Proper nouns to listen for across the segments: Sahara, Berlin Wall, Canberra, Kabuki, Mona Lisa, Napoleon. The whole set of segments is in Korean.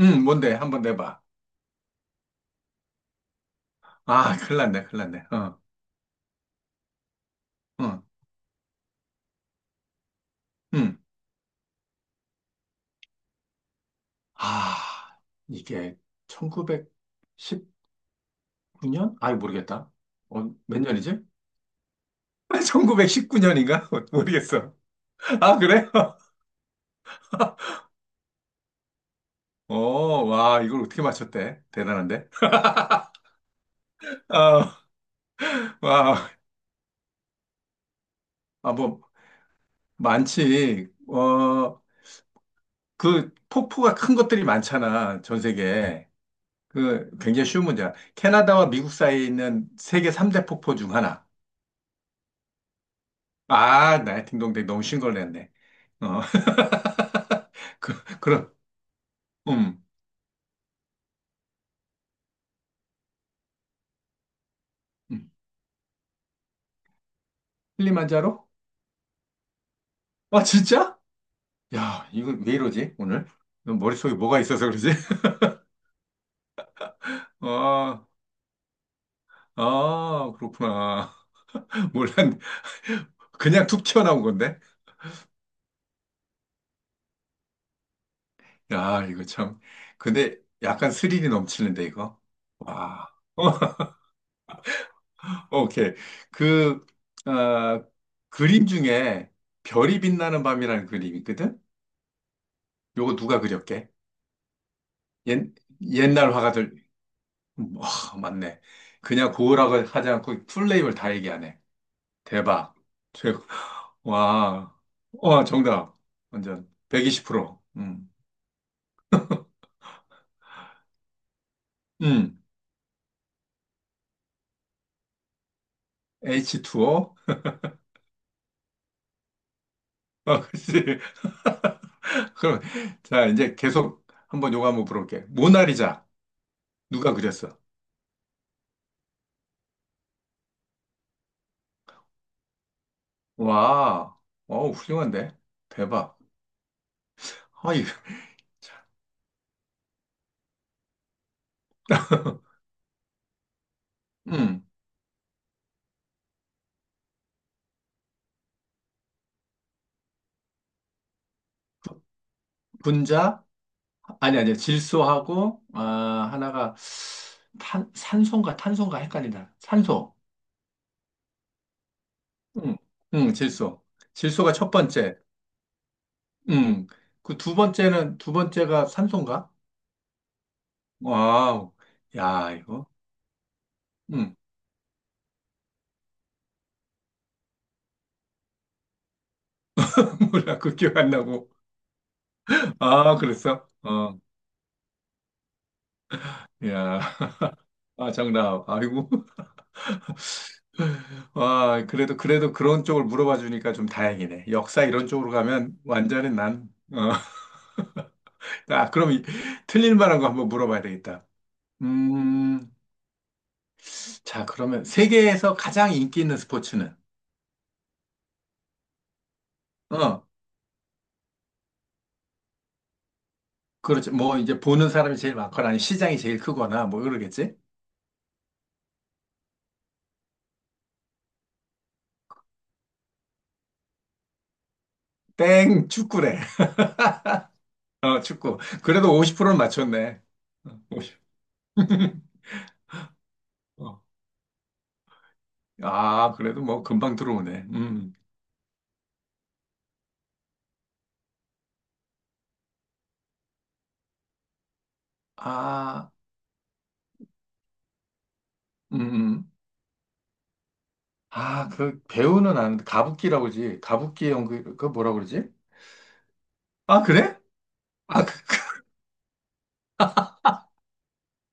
뭔데? 한번 내봐. 아, 큰일 났네, 큰일 났네. 어, 어, 음. 아, 이게 1919년? 아이, 모르겠다. 어, 몇 년이지? 1919년인가? 모르겠어. 아, 그래? 어, 와, 이걸 어떻게 맞췄대? 대단한데? 아, 와, 아, 뭐, 많지. 어, 폭포가 큰 것들이 많잖아, 전 세계에. 굉장히 쉬운 문제야. 캐나다와 미국 사이에 있는 세계 3대 폭포 중 하나. 아, 나의 딩동댕. 너무 쉬운 걸 냈네. 어. 그, 그럼, 음, 음. 킬리만자로? 아, 진짜? 야, 이건 왜 이러지, 오늘? 너 머릿속에 뭐가 있어서 그러지? 아, 아, 그렇구나. 몰랐네. 그냥 툭 튀어나온 건데? 야, 이거 참. 근데 약간 스릴이 넘치는데, 이거? 와. 오케이. 그, 아, 그림 중에 별이 빛나는 밤이라는 그림이 있거든? 요거 누가 그렸게? 옛, 옛날 화가들, 와, 맞네. 그냥 고흐라고 하지 않고 풀네임을 다 얘기하네. 대박. 최고. 와, 와, 정답. 완전 120%. 음, H2O. 아, 그치. 그럼, 자, 이제 계속 한번 요거 한번 물어볼게. 모나리자. 누가 그렸어? 와, 어, 훌륭한데? 대박. 아, 이, 음, 분자? 아니, 아니, 질소하고, 아, 하나가 탄, 산소인가 탄소인가 헷갈린다. 산소. 응, 응, 질소. 질소가 첫 번째. 응. 그 두 번째가 산소인가? 와우. 야, 이거. 응. 몰라, 그 기억 안 나고. 아, 그랬어? 어. 야, 아, 정답. 아이고. 와, 그래도, 그래도 그런 쪽을 물어봐 주니까 좀 다행이네. 역사 이런 쪽으로 가면 완전히 난, 어. 아, 그럼 이- 틀릴 만한 거 한번 물어봐야 되겠다. 음, 자, 그러면 세계에서 가장 인기 있는 스포츠는? 어, 그렇지. 뭐, 이제 보는 사람이 제일 많거나, 아니면 시장이 제일 크거나, 뭐, 그러겠지? 땡, 축구래. 어, 축구. 그래도 50%는 맞췄네. 어, 50. 어. 아, 그래도 뭐, 금방 들어오네. 음. 아, 음, 음. 아, 그, 배우는 아는데, 가부키라고지. 가부키 연극, 그 뭐라 그러지? 아, 그래? 아, 그,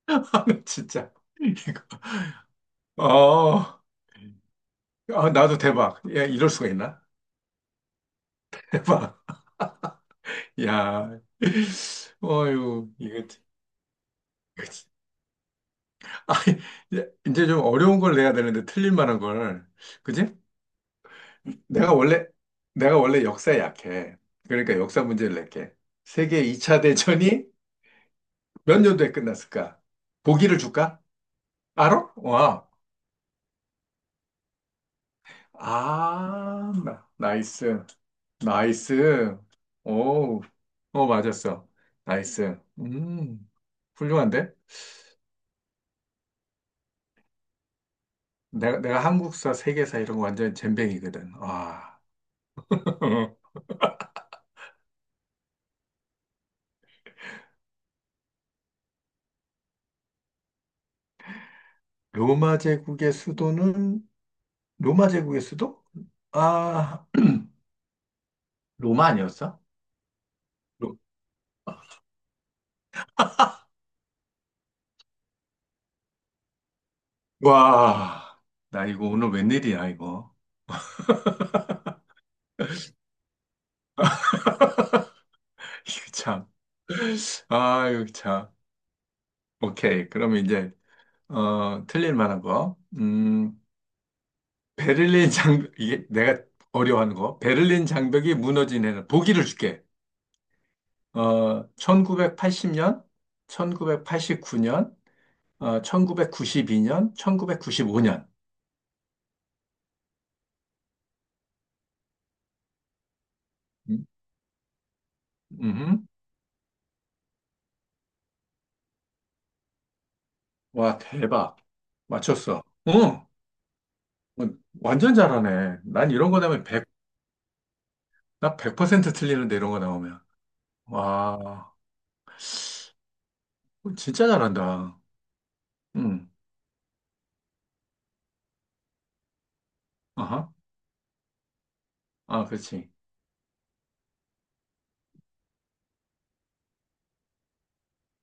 진짜. 이거. 어, 아, 나도 대박. 야, 이럴 수가 있나? 봐. 야, 어유, 이거, 이거 진- 아, 이제 좀 어려운 걸 내야 되는데 틀릴 만한 걸, 그지? 내가 원래 내가 원래 역사에 약해. 그러니까 역사 문제를 낼게. 세계 2차 대전이 몇 년도에 끝났을까? 보기를 줄까? 알아? 와, 아, 나, 나이스, 나이스. 오, 어 맞았어. 나이스. 훌륭한데? 내가 한국사, 세계사 이런 거 완전 젬병이거든. 와. 로마 제국의 수도는, 로마 제국의 수도? 아, 로마 아니었어? 로- 와. 나 이거 오늘 웬일이야, 이거. 이거 참. 아, 이거 참. 오케이. 그러면 이제, 어, 틀릴 만한 거. 베를린 장벽, 이게 내가 어려워하는 거. 베를린 장벽이 무너진 해는. 보기를 줄게. 어, 1980년, 1989년, 어, 1992년, 1995년. 음, 음. 와, 대박. 맞췄어. 응. 어, 완전 잘하네. 난 이런 거 나오면 100 퍼센트 틀리는데 이런 거 나오면. 와, 진짜 잘한다. 응. 아하. 아, 그렇지.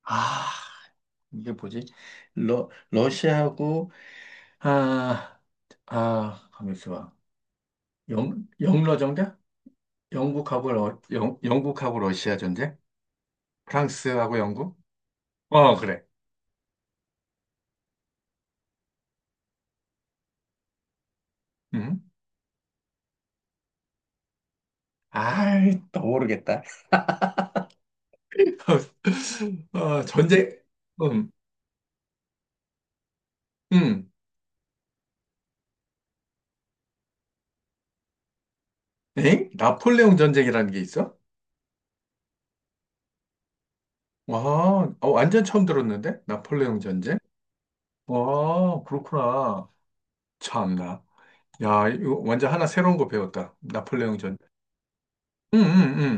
아, 이게 뭐지? 러시아하고, 아, 아, 가만 있어봐. 영러 정대? 영국하고 러시아 전쟁? 프랑스하고 영국? 어, 그래. 응. 아이, 또 모르겠다. 어, 전쟁, 음, 음, 엥? 나폴레옹 전쟁이라는 게 있어? 와, 어, 완전 처음 들었는데? 나폴레옹 전쟁? 와, 그렇구나. 참나. 야, 이거 완전 하나 새로운 거 배웠다. 나폴레옹 전쟁. 응응응.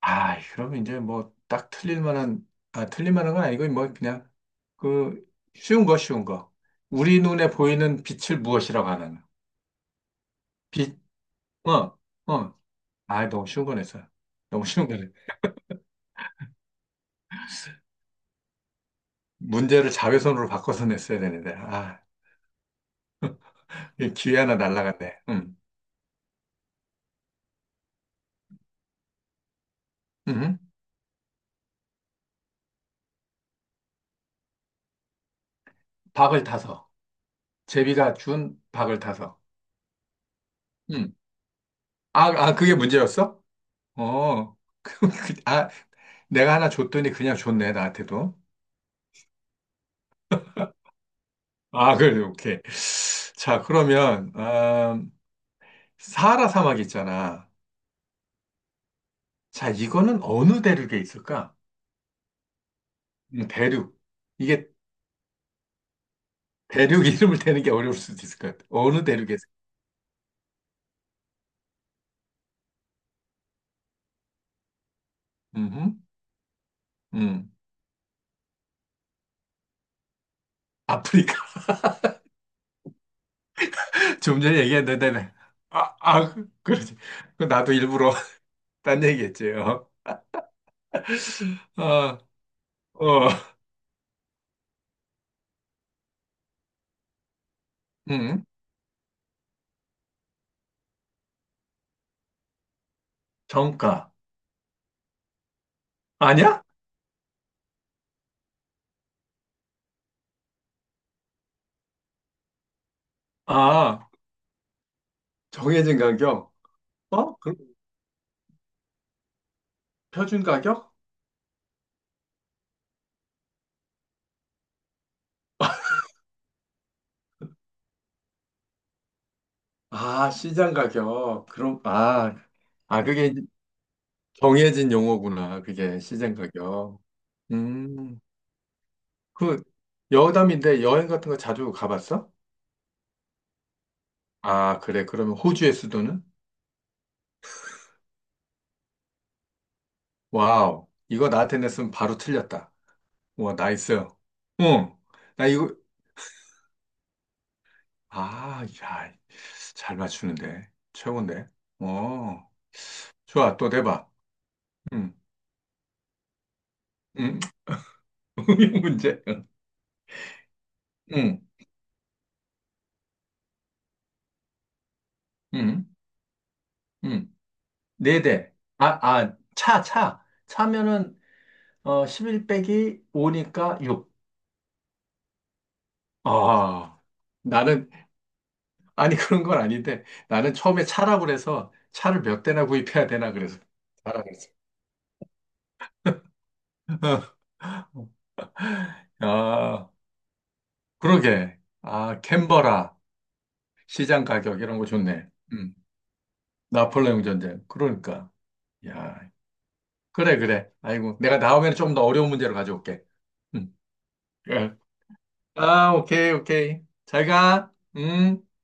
아, 그러면 이제 뭐 딱 틀릴 만한, 아, 틀릴 만한 건 아니고, 뭐 그냥 그 쉬운 거. 우리 눈에 보이는 빛을 무엇이라고 하느냐. 빛, 어, 어. 아, 너무 쉬운 거 냈어요. 너무 쉬운 거 냈어요. 문제를 자외선으로 바꿔서 냈어야 되는데. 아, 이 기회 하나 날라갔네. 음. 음. 박을 타서. 제비가 준 박을 타서. 음. 아, 아, 그게 문제였어? 어. 그, 그, 아, 내가 하나 줬더니 그냥 줬네, 나한테도. 아, 그래, 오케이. 자, 그러면, 사하라 사막 있잖아. 자, 이거는 어느 대륙에 있을까? 대륙. 이게 대륙 이름을 대는 게 어려울 수도 있을 것 같아. 어느 대륙에. 음, 음. 아프리카. 좀 전에 얘기했는데, 네. 아, 그러지. 그 나도 일부러 딴 얘기했지. 어, 어, 어. 음, 정가. 아니야? 아, 정해진 가격. 어? 그, 표준 가격? 아, 시장 가격. 그럼, 아, 아, 그게 이제 정해진 용어구나. 그게 시장 가격. 음, 그, 여담인데 여행 같은 거 자주 가봤어? 아, 그래. 그러면 호주의 수도는? 와우. 이거 나한테 냈으면 바로 틀렸다. 와, 나이스. 응. 나 이거, 아, 야, 잘 맞추는데. 최고인데. 어, 좋아. 또 내봐. 응, 응. 문제. 응, 응, 응. 네 대. 아, 차, 차. 차면은, 어, 11 빼기 5니까 6. 아, 나는, 아니, 그런 건 아닌데. 나는 처음에 차라고 그래서 차를 몇 대나 구입해야 되나 그래서. 차라 그랬어. 아. 그러게. 아, 캔버라. 시장 가격 이런 거 좋네. 음. 나폴레옹 전쟁. 그러니까. 야. 그래, 그래. 아이고. 내가 다음에는 좀 더 어려운 문제로 가져올게. 음. 예. 아, 오케이, 오케이. 잘 가. 음.